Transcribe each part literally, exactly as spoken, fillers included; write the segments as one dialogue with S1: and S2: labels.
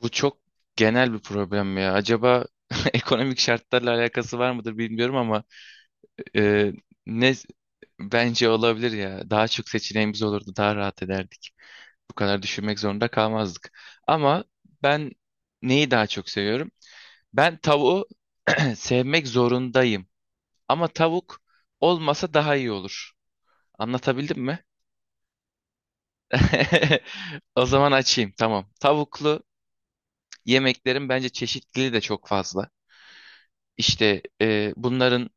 S1: Bu çok genel bir problem ya. Acaba ekonomik şartlarla alakası var mıdır bilmiyorum ama e, ne bence olabilir ya. Daha çok seçeneğimiz olurdu, daha rahat ederdik. Bu kadar düşünmek zorunda kalmazdık. Ama ben neyi daha çok seviyorum? Ben tavuğu sevmek zorundayım. Ama tavuk olmasa daha iyi olur. Anlatabildim mi? O zaman açayım. Tamam. Tavuklu yemeklerin bence çeşitliliği de çok fazla. İşte e, bunların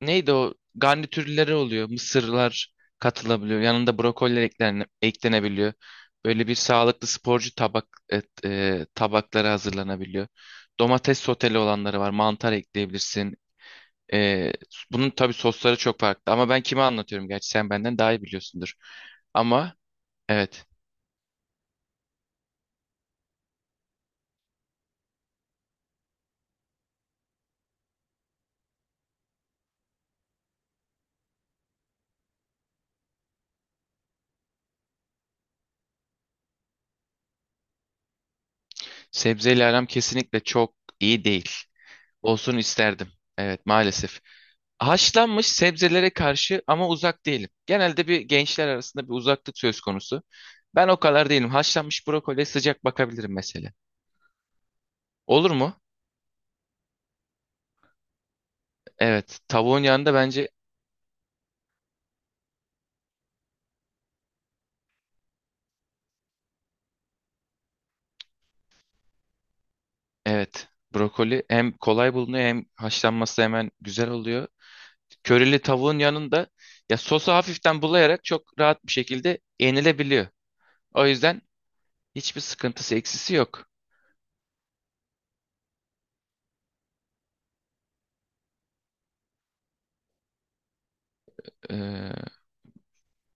S1: neydi o garnitürleri oluyor. Mısırlar katılabiliyor. Yanında brokoli eklene- eklenebiliyor. Böyle bir sağlıklı sporcu tabak et, e, tabakları hazırlanabiliyor. Domates soteli olanları var. Mantar ekleyebilirsin. E, Bunun tabii sosları çok farklı. Ama ben kime anlatıyorum, gerçi sen benden daha iyi biliyorsundur. Ama evet, sebzeyle aram kesinlikle çok iyi değil. Olsun isterdim. Evet, maalesef. Haşlanmış sebzelere karşı ama uzak değilim. Genelde bir gençler arasında bir uzaklık söz konusu. Ben o kadar değilim. Haşlanmış brokoliye sıcak bakabilirim mesela. Olur mu? Evet. Tavuğun yanında bence evet. Brokoli hem kolay bulunuyor hem haşlanması hemen güzel oluyor. Körili tavuğun yanında ya sosu hafiften bulayarak çok rahat bir şekilde yenilebiliyor. O yüzden hiçbir sıkıntısı, eksisi yok. Ee,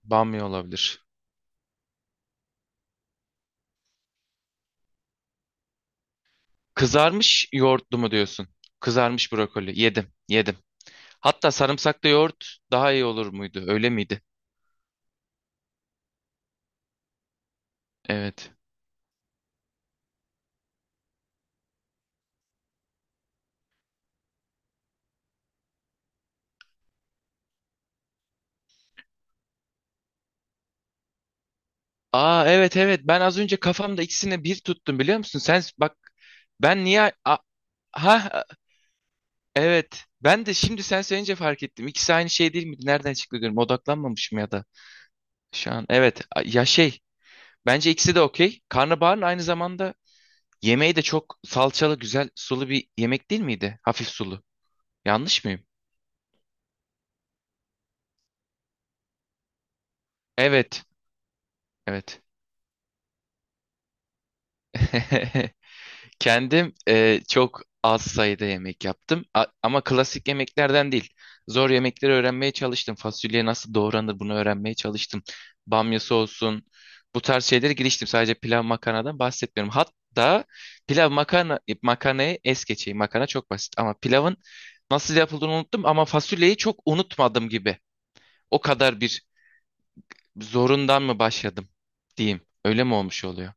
S1: Bamya olabilir. Kızarmış yoğurtlu mu diyorsun? Kızarmış brokoli. Yedim, yedim. Hatta sarımsaklı yoğurt daha iyi olur muydu? Öyle miydi? Evet. Aa, evet, evet. Ben az önce kafamda ikisini bir tuttum, biliyor musun? Sen bak, ben niye A- ha, evet. Ben de şimdi sen söyleyince fark ettim. İkisi aynı şey değil miydi? Nereden çıktı diyorum. Odaklanmamışım ya da şu an. Evet. a- Ya, şey bence ikisi de okey. Karnabaharın aynı zamanda yemeği de çok salçalı, güzel, sulu bir yemek değil miydi? Hafif sulu. Yanlış mıyım? Evet. Evet. Kendim e, çok az sayıda yemek yaptım. A- ama klasik yemeklerden değil. Zor yemekleri öğrenmeye çalıştım. Fasulye nasıl doğranır, bunu öğrenmeye çalıştım. Bamyası olsun. Bu tarz şeylere giriştim. Sadece pilav, makarnadan bahsetmiyorum. Hatta pilav makarna makarnayı es geçeyim. Makarna çok basit ama pilavın nasıl yapıldığını unuttum, ama fasulyeyi çok unutmadım gibi. O kadar bir zorundan mı başladım diyeyim. Öyle mi olmuş oluyor?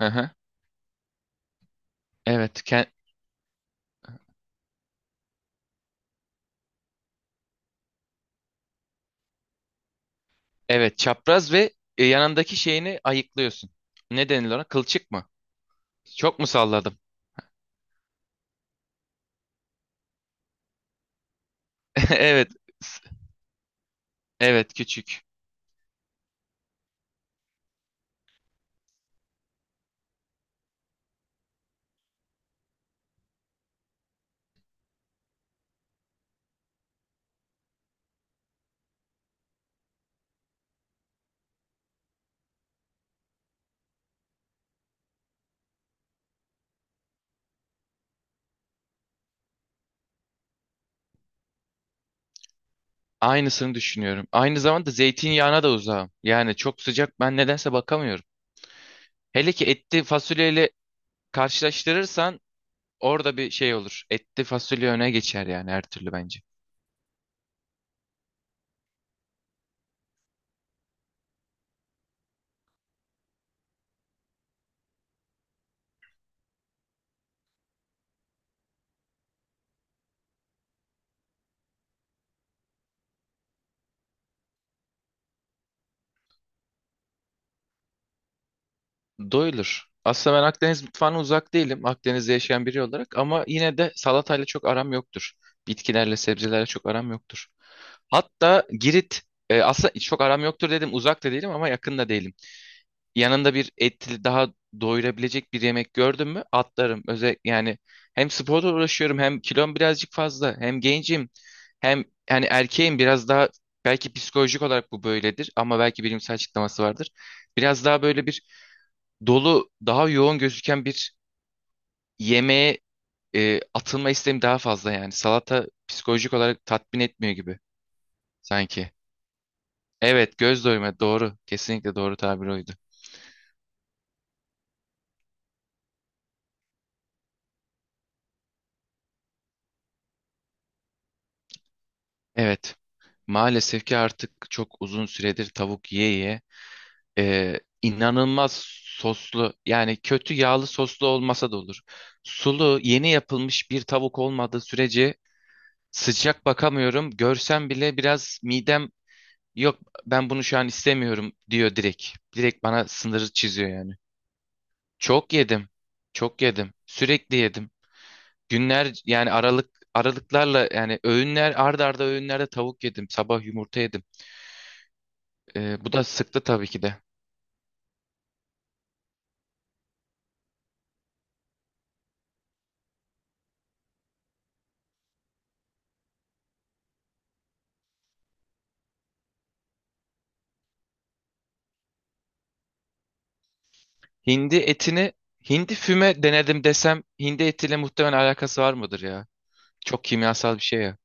S1: Hı hı. Evet, ke- evet, çapraz ve e, yanındaki şeyini ayıklıyorsun. Ne denilir ona? Kılçık mı? Çok mu salladım? Evet. s- Evet, küçük. Aynısını düşünüyorum. Aynı zamanda zeytinyağına da uzağım. Yani çok sıcak ben nedense bakamıyorum. Hele ki etli fasulyeyle karşılaştırırsan orada bir şey olur. Etli fasulye öne geçer yani, her türlü bence. Doyulur. Aslında ben Akdeniz mutfağına uzak değilim. Akdeniz'de yaşayan biri olarak ama yine de salatayla çok aram yoktur. Bitkilerle, sebzelerle çok aram yoktur. Hatta Girit e, aslında çok aram yoktur dedim. Uzak da değilim ama yakın da değilim. Yanında bir etli, daha doyurabilecek bir yemek gördüm mü atlarım. Özellikle yani hem sporla uğraşıyorum, hem kilom birazcık fazla, hem gencim, hem yani erkeğim biraz daha, belki psikolojik olarak bu böyledir ama belki bilimsel açıklaması vardır. Biraz daha böyle bir dolu, daha yoğun gözüken bir yemeğe e, atılma isteğim daha fazla yani. Salata psikolojik olarak tatmin etmiyor gibi sanki. Evet, göz doyma doğru. Kesinlikle doğru tabir oydu. Evet, maalesef ki artık çok uzun süredir tavuk yiye yiye e, inanılmaz soslu, yani kötü yağlı soslu olmasa da olur. Sulu, yeni yapılmış bir tavuk olmadığı sürece sıcak bakamıyorum. Görsem bile biraz midem, yok ben bunu şu an istemiyorum, diyor direkt. Direkt bana sınırı çiziyor yani. Çok yedim. Çok yedim. Sürekli yedim. Günler, yani aralık aralıklarla, yani öğünler, arda arda öğünlerde tavuk yedim. Sabah yumurta yedim. Ee, bu da sıktı tabii ki de. Hindi etini, hindi füme denedim desem hindi etiyle muhtemelen alakası var mıdır ya? Çok kimyasal bir şey ya.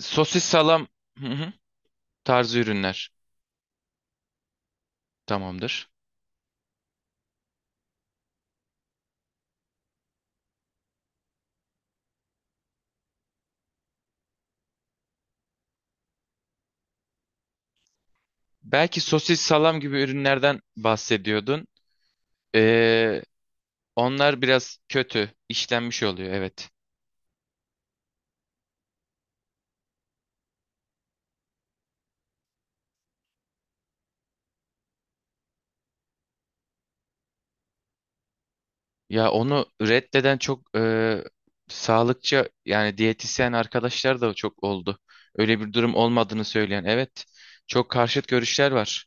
S1: Sosis, salam, hı hı, tarzı ürünler tamamdır. Belki sosis, salam gibi ürünlerden bahsediyordun. Ee, Onlar biraz kötü işlenmiş oluyor, evet. Ya onu reddeden çok e, sağlıkçı, yani diyetisyen arkadaşlar da çok oldu. Öyle bir durum olmadığını söyleyen, evet, çok karşıt görüşler var.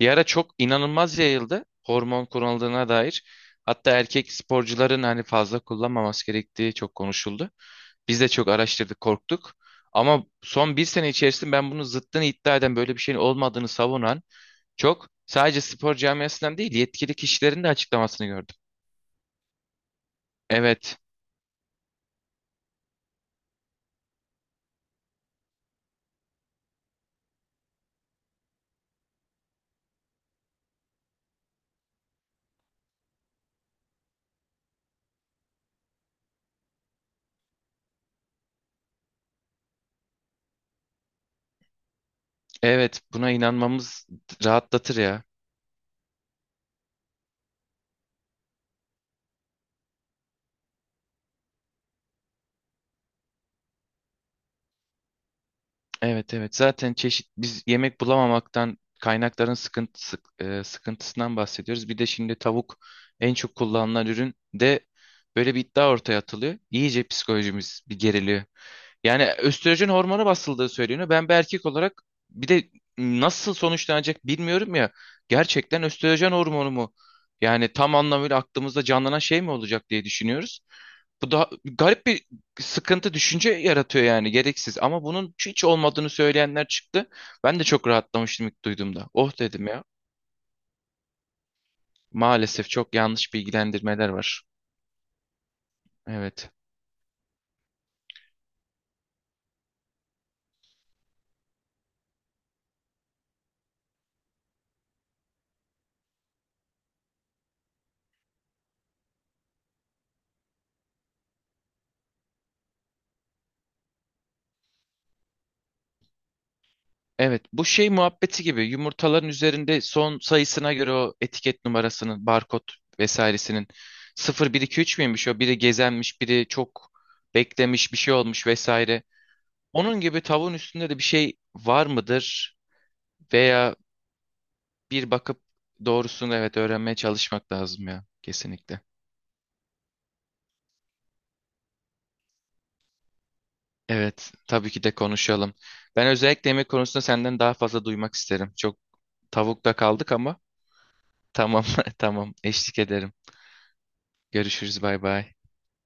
S1: Bir ara çok inanılmaz yayıldı hormon kullanıldığına dair. Hatta erkek sporcuların hani fazla kullanmaması gerektiği çok konuşuldu. Biz de çok araştırdık, korktuk. Ama son bir sene içerisinde ben bunun zıttını iddia eden, böyle bir şeyin olmadığını savunan çok. Sadece spor camiasından değil, yetkili kişilerin de açıklamasını gördüm. Evet, evet, buna inanmamız rahatlatır ya. Evet, evet, zaten çeşit biz yemek bulamamaktan kaynakların sıkıntısı, e, sıkıntısından bahsediyoruz. Bir de şimdi tavuk en çok kullanılan ürün de, böyle bir iddia ortaya atılıyor. İyice psikolojimiz bir geriliyor. Yani östrojen hormonu basıldığı söyleniyor. Ben bir erkek olarak, bir de nasıl sonuçlanacak bilmiyorum ya. Gerçekten östrojen hormonu mu? Yani tam anlamıyla aklımızda canlanan şey mi olacak diye düşünüyoruz. Bu da garip bir sıkıntı, düşünce yaratıyor yani, gereksiz. Ama bunun hiç olmadığını söyleyenler çıktı. Ben de çok rahatlamıştım ilk duyduğumda. Oh dedim ya. Maalesef çok yanlış bilgilendirmeler var. Evet. Evet, bu şey muhabbeti gibi, yumurtaların üzerinde son sayısına göre o etiket numarasının, barkod vesairesinin sıfır bir iki üç müymüş, o biri gezenmiş, biri çok beklemiş, bir şey olmuş vesaire. Onun gibi tavuğun üstünde de bir şey var mıdır? Veya bir bakıp doğrusunu, evet, öğrenmeye çalışmak lazım ya, kesinlikle. Evet, tabii ki de konuşalım. Ben özellikle yemek konusunda senden daha fazla duymak isterim. Çok tavukta kaldık ama tamam, tamam, eşlik ederim. Görüşürüz, bay bay.